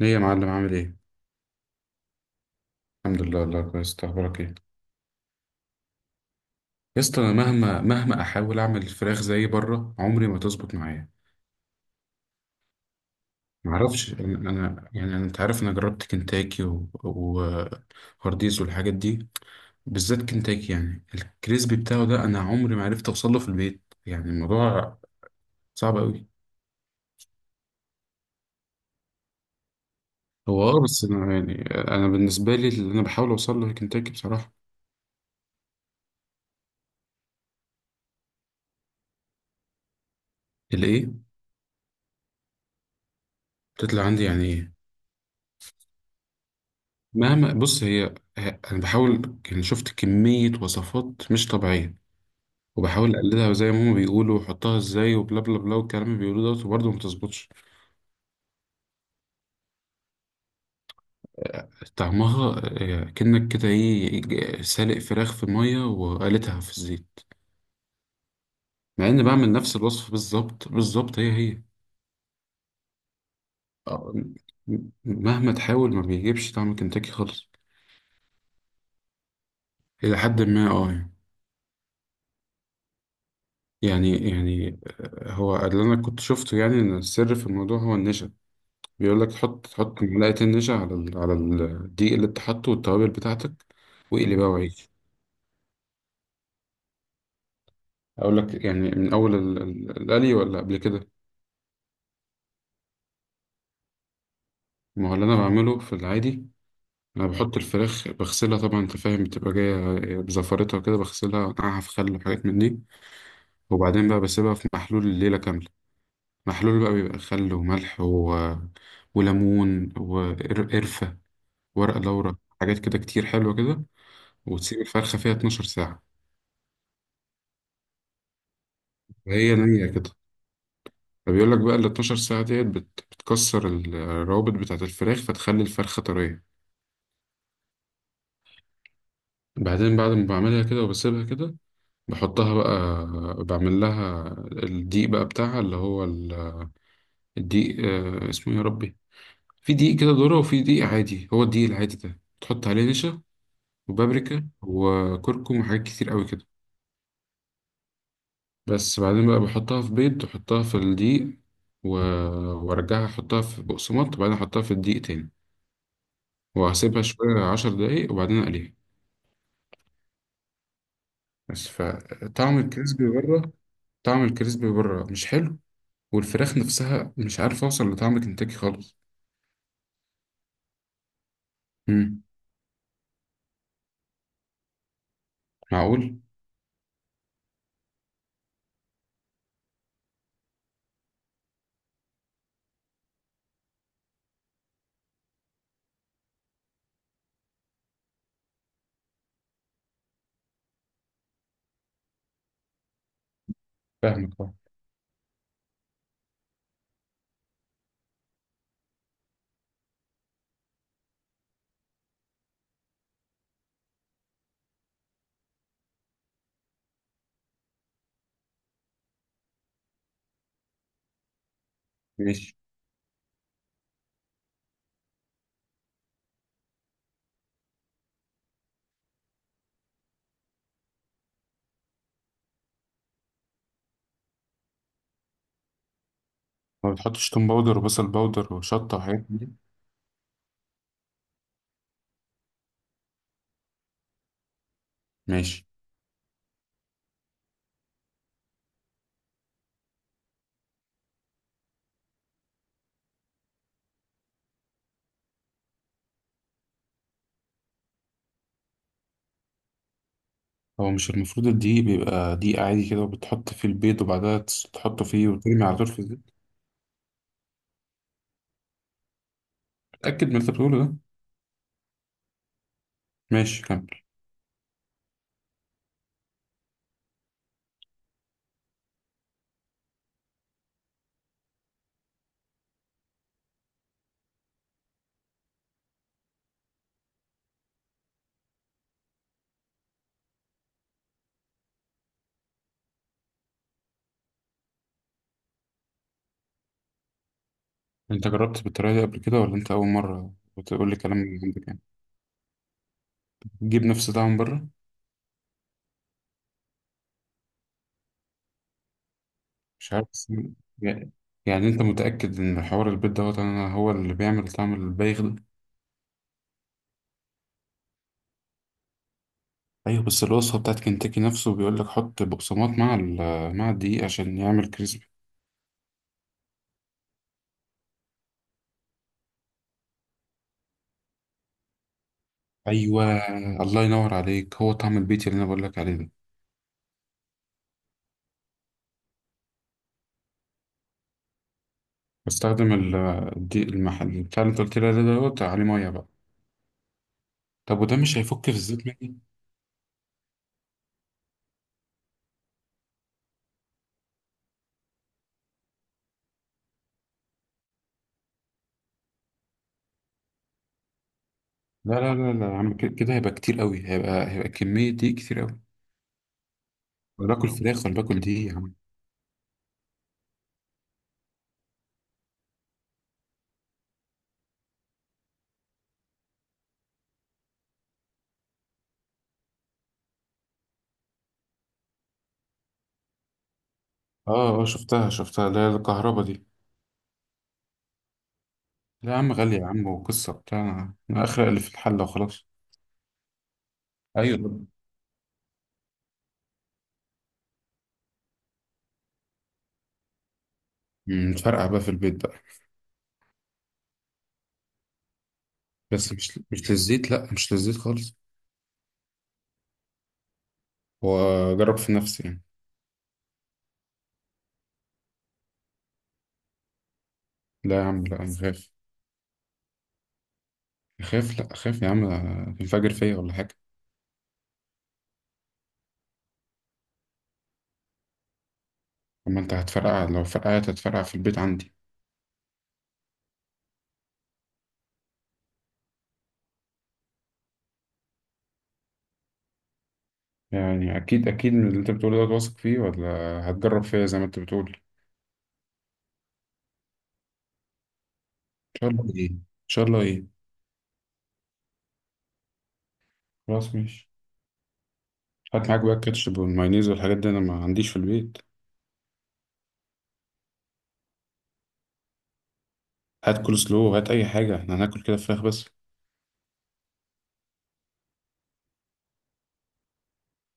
ايه يا معلم عامل ايه؟ الحمد لله، الله كويس، انت اخبارك ايه؟ يا اسطى، انا مهما احاول اعمل الفراخ زي بره عمري ما تظبط معايا. معرفش انا. يعني انا، انت عارف، انا جربت كنتاكي وهارديز والحاجات دي. بالذات كنتاكي، يعني الكريسبي بتاعه ده انا عمري ما عرفت اوصل له في البيت، يعني الموضوع صعب قوي. هو اه، بس انا، يعني انا بالنسبه لي اللي انا بحاول اوصل له هي كنتاكي بصراحه. الايه؟ بتطلع عندي يعني ايه؟ مهما بص هي. انا بحاول، يعني شفت كمية وصفات مش طبيعية، وبحاول اقلدها زي ما هما بيقولوا، وأحطها ازاي، وبلا بلا بلا والكلام اللي بيقولوه دوت، وبرضه ما بتظبطش. طعمها كأنك كده ايه، سالق فراخ في مية وقالتها في الزيت. مع اني بعمل نفس الوصفة بالظبط بالظبط، هي هي. آه، مهما تحاول ما بيجيبش طعم كنتاكي خالص. الى حد ما اه يعني. يعني، هو اللي انا كنت شفته يعني ان السر في الموضوع هو النشا. بيقول لك تحط معلقة النشا على على الدقيق اللي انت حاطه والتوابل بتاعتك، واقلي بقى وعيش. اقول لك يعني من اول القلي ولا قبل كده؟ ما هو اللي انا بعمله في العادي، انا بحط الفراخ، بغسلها طبعا، انت فاهم، بتبقى جايه بزفرتها كده، بغسلها وانقعها في خل وحاجات من دي، وبعدين بقى بسيبها في محلول الليله كامله. محلول بقى بيبقى خل وملح وليمون وقرفه، ورق لورا، حاجات كده كتير حلوه كده. وتسيب الفرخه فيها 12 ساعه وهي نيه كده. فبيقول لك بقى ال 12 ساعة ديت بتكسر الروابط بتاعة الفراخ، فتخلي الفرخة طرية. بعدين بعد ما بعملها كده وبسيبها كده، بحطها بقى، بعمل لها الدقيق بقى بتاعها، اللي هو الدقيق اسمه إيه يا ربي. في دقيق كده ذرة، وفي دقيق عادي، هو الدقيق العادي ده تحط عليه نشا وبابريكا وكركم وحاجات كتير قوي كده. بس بعدين بقى بحطها في بيض، وأحطها في الدقيق، و- وارجعها احطها في بقسماط، وبعدين احطها في الدقيق تاني، وهسيبها شوية 10 دقايق، وبعدين اقليها. بس فطعم الكريسبي بره، طعم الكريسبي بره مش حلو، والفراخ نفسها مش عارف اوصل لطعم كنتاكي خالص. امم. معقول؟ فاهمك اه. ماشي. ما بتحطش توم باودر وبصل باودر وشطة وحاجات دي؟ ماشي. هو مش المفروض الدقيق بيبقى دقيق عادي كده، وبتحط فيه البيض، وبعدها تحطه فيه وترمي على طول في الزيت؟ اتأكد من اللي انت بتقوله ده. ماشي كمل. انت جربت بالطريقة دي قبل كده، ولا انت أول مرة بتقول لي كلام من عندك يعني؟ تجيب نفس طعم بره؟ مش عارف بس. يعني. يعني انت متأكد ان حوار البيض دوت انا هو اللي بيعمل طعم البايغ ده؟ ايوه، بس الوصفة بتاعت كنتاكي نفسه بيقول لك حط بقسماط مع مع الدقيق عشان يعمل كريسبي. ايوه. الله ينور عليك، هو طعم البيتي اللي انا بقول لك عليه ده. بستخدم الدقيق المحل بتاع اللي انت قلت لي عليه دوت، عليه ميه بقى. طب وده مش هيفك في الزيت مني؟ لا لا لا لا يا عم، كده كده هيبقى كتير قوي، هيبقى كمية دقيق كتير قوي. ولا باكل فراخ ولا باكل دقيق يا عم. اه اه، شفتها شفتها اللي هي الكهربا دي. لا يا عم، غالية يا عم، وقصة بتاع، أنا أخرق اللي في الحلة وخلاص. أيوة طبعا. متفرقع بقى في البيت بقى؟ بس مش للزيت، لا، مش للزيت خالص. وأجرب في نفسي يعني. لا يا عم لا، أنا خايف. خايف، لا خايف يا عم. الفجر فيا ولا حاجة. أما أنت هتفرقع، لو فرقعت هتفرقع في البيت عندي. يعني أكيد أكيد من اللي أنت بتقوله ده واثق فيه، ولا هتجرب فيا زي ما أنت بتقول؟ إن شاء الله إيه؟ إن شاء الله إيه؟ خلاص ماشي. هات معاك بقى الكاتشب والمايونيز والحاجات دي، أنا ما عنديش في البيت. هات كول سلو، هات أي حاجة، إحنا هناكل كده فراخ بس.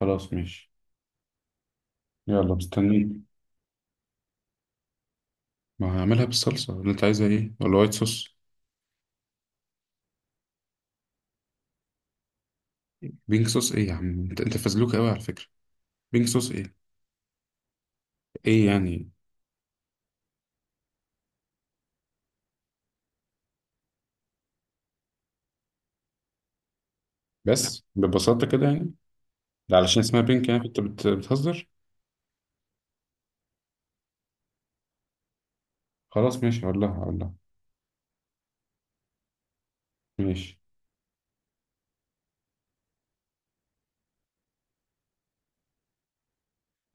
خلاص ماشي. يلا مستنيك. ما هعملها بالصلصة، اللي انت عايزها ايه ولا وايت صوص؟ بينك صوص ايه يا عم، انت فزلوك قوي على فكرة. بينك صوص ايه؟ ايه يعني؟ بس ببساطة كده يعني؟ ده علشان اسمها بينك، يعني انت بتهزر. خلاص ماشي، هقول لها، هقول لها. ماشي.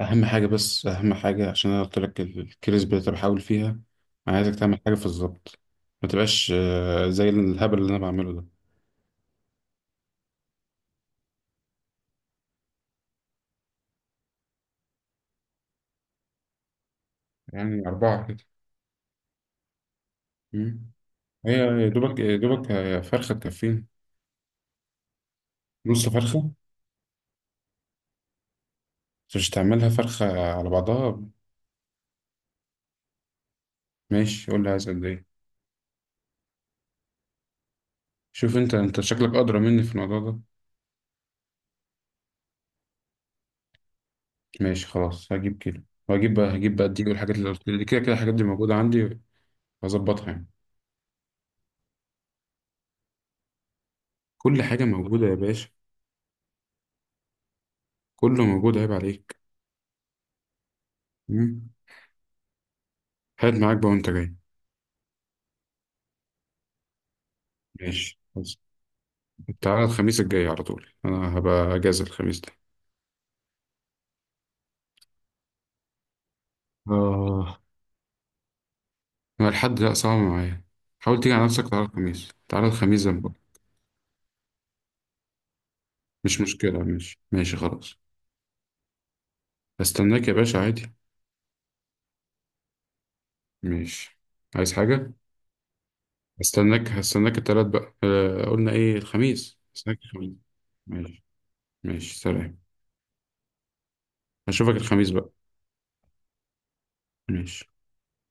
اهم حاجة، بس اهم حاجة عشان انا قلت لك الكريسبي اللي بحاول فيها، انا عايزك تعمل حاجة في الظبط، ما تبقاش زي الهبل اللي انا بعمله ده. يعني أربعة كده. مم. هي يا دوبك يا دوبك فرخة تكفينا. نص فرخة. بس مش تعملها فرخة على بعضها. ماشي قول لي عايز قد ايه. شوف انت شكلك ادرى مني في الموضوع ده. ماشي خلاص، هجيب كده، وهجيب بقى الدقيق والحاجات اللي قلت لي، كده كده الحاجات دي موجودة عندي. هظبطها يعني. كل حاجة موجودة يا باشا. كله موجود، عيب عليك. مم. هات معاك بقى وانت جاي. ماشي خلاص. تعالى الخميس الجاي على طول، انا هبقى اجازة الخميس ده. آه. انا الحد لا، صعب معايا. حاول تيجي على نفسك، تعالى الخميس، تعالى الخميس ده بقى. مش مشكلة، ماشي ماشي خلاص. استناك يا باشا عادي. ماشي. عايز حاجة؟ هستناك التلات بقى، قلنا ايه، الخميس، هستناك الخميس. ماشي ماشي سلام. هشوفك الخميس بقى. ماشي.